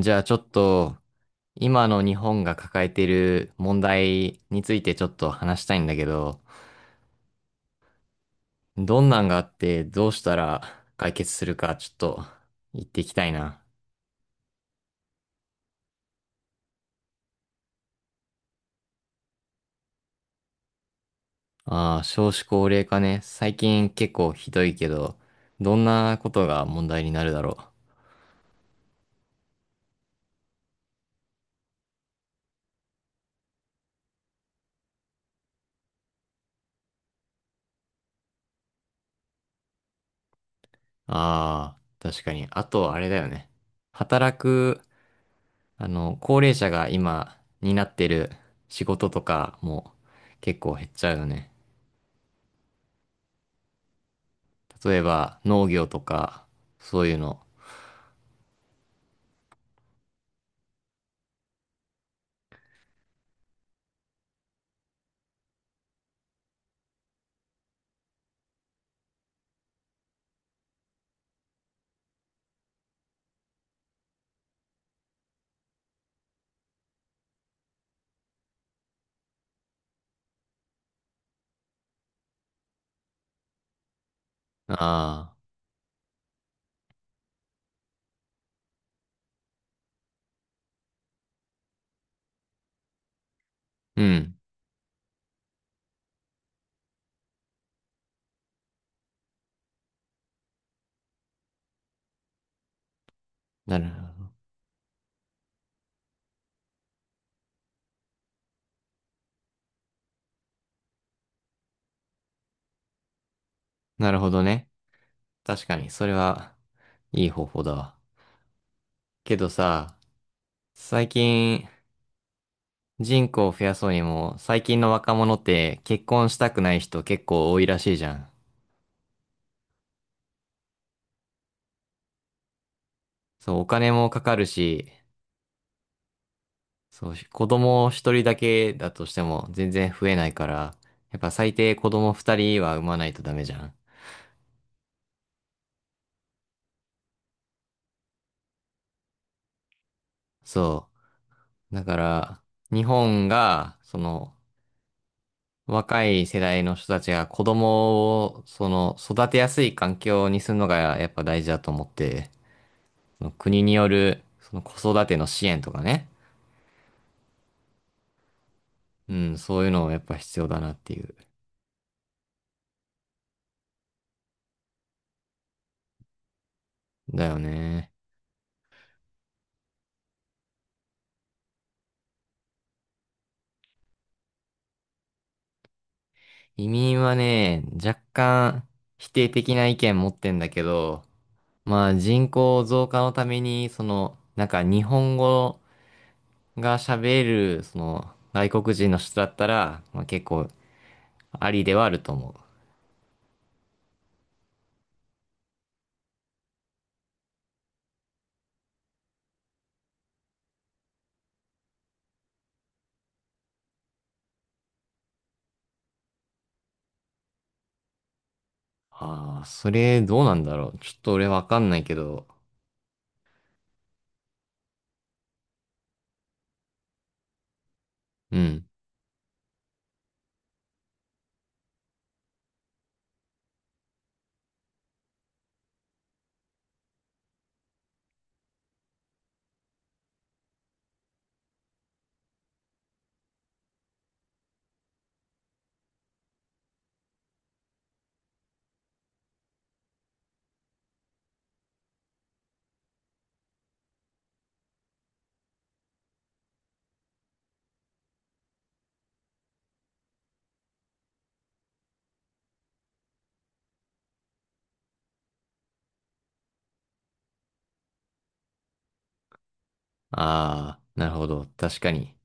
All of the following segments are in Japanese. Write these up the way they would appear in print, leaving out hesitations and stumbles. じゃあちょっと、今の日本が抱えている問題についてちょっと話したいんだけど、どんなんがあってどうしたら解決するかちょっと言っていきたいな。ああ、少子高齢化ね。最近結構ひどいけど、どんなことが問題になるだろう。ああ、確かに。あとあれだよね。働く、あの、高齢者が今担ってる仕事とかも結構減っちゃうよね。例えば農業とか、そういうの。ああ、うん。なるほど。なるほどね。確かに、それはいい方法だわ。けどさ、最近人口を増やそうにも、最近の若者って結婚したくない人結構多いらしいじゃん。そう、お金もかかるし、そう、子供一人だけだとしても全然増えないから、やっぱ最低子供二人は産まないとダメじゃん。そう。だから、日本が、その、若い世代の人たちが子供を、育てやすい環境にするのがやっぱ大事だと思って、その国による、その子育ての支援とかね。うん、そういうのもやっぱ必要だなっていう。だよね。移民はね、若干否定的な意見持ってんだけど、まあ人口増加のために、なんか日本語が喋れる、外国人の人だったら、まあ結構ありではあると思う。ああ、それどうなんだろう。ちょっと俺わかんないけど。うん。ああ、なるほど。確かに。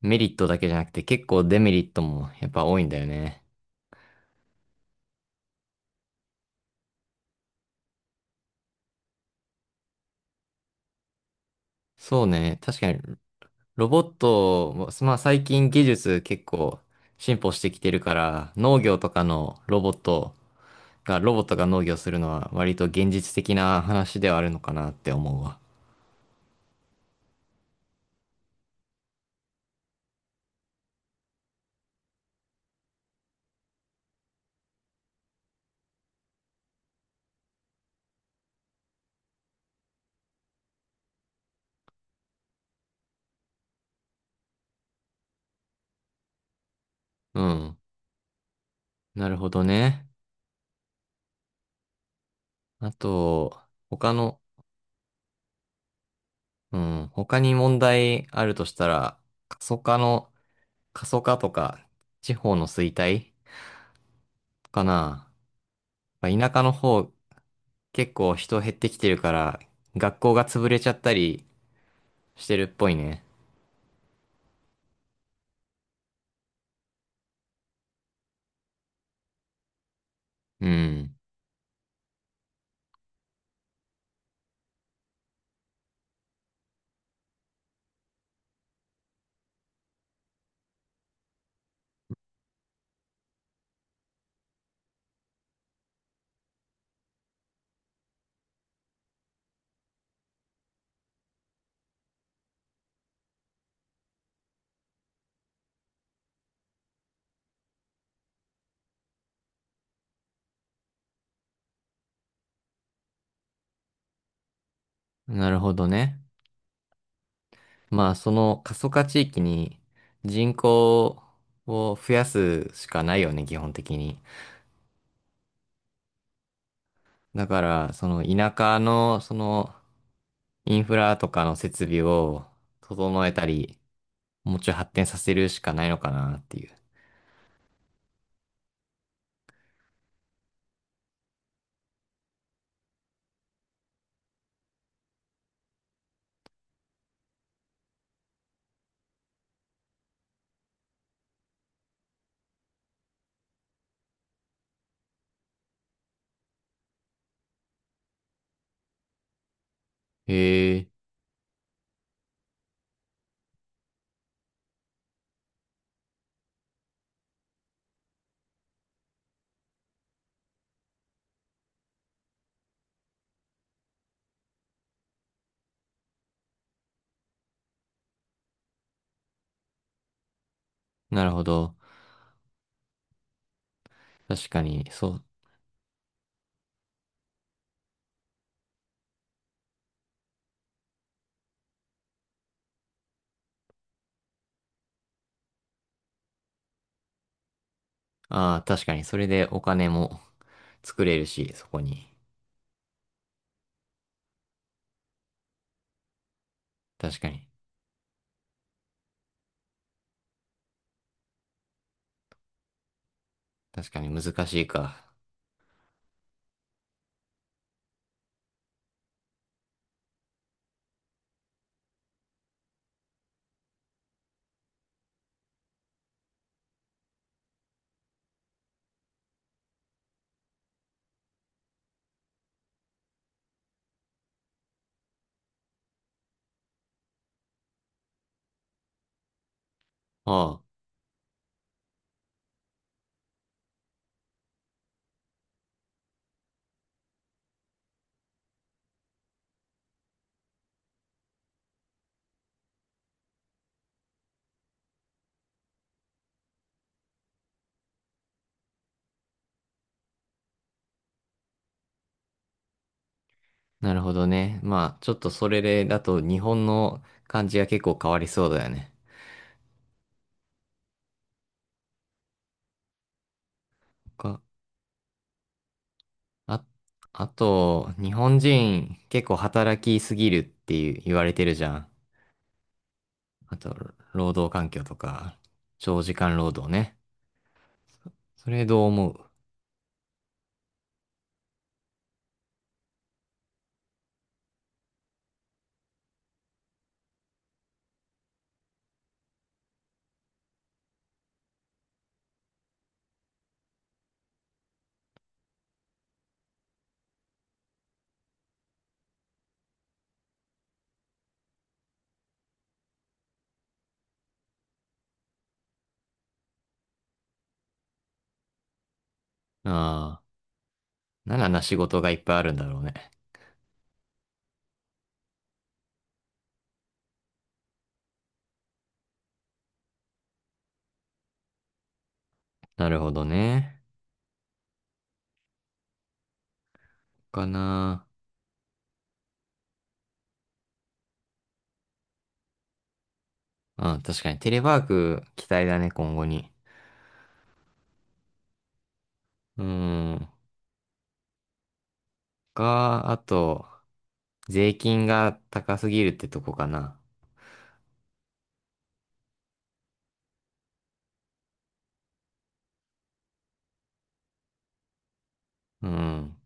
メリットだけじゃなくて結構デメリットもやっぱ多いんだよね。そうね。確かに、ロボットも、まあ最近技術結構進歩してきてるから、農業とかのロボットが、ロボットが農業するのは割と現実的な話ではあるのかなって思うわ。うん。なるほどね。あと、他の、うん。他に問題あるとしたら、過疎化の、過疎化とか、地方の衰退かな。まあ田舎の方、結構人減ってきてるから、学校が潰れちゃったりしてるっぽいね。うん。なるほどね。まあ、その過疎化地域に人口を増やすしかないよね、基本的に。だから、その田舎の、インフラとかの設備を整えたり、もうちょい発展させるしかないのかなっていう。へえ、なるほど。確かに、そう。ああ、確かに、それでお金も 作れるし、そこに。確かに。確かに難しいか。ああ、なるほどね。まあ、ちょっとそれで、だと日本の感じが結構変わりそうだよね。か、あ、あと、日本人結構働きすぎるっていう言われてるじゃん。あと、労働環境とか、長時間労働ね。それどう思う？ああ、ならな仕事がいっぱいあるんだろうね。なるほどね。かな。うん、確かにテレワーク期待だね、今後に。うーん。あと、税金が高すぎるってとこかな。うん。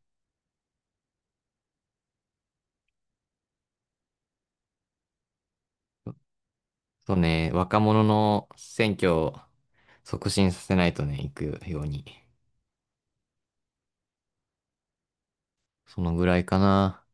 そうね、若者の選挙を促進させないとね、行くように。そのぐらいかな。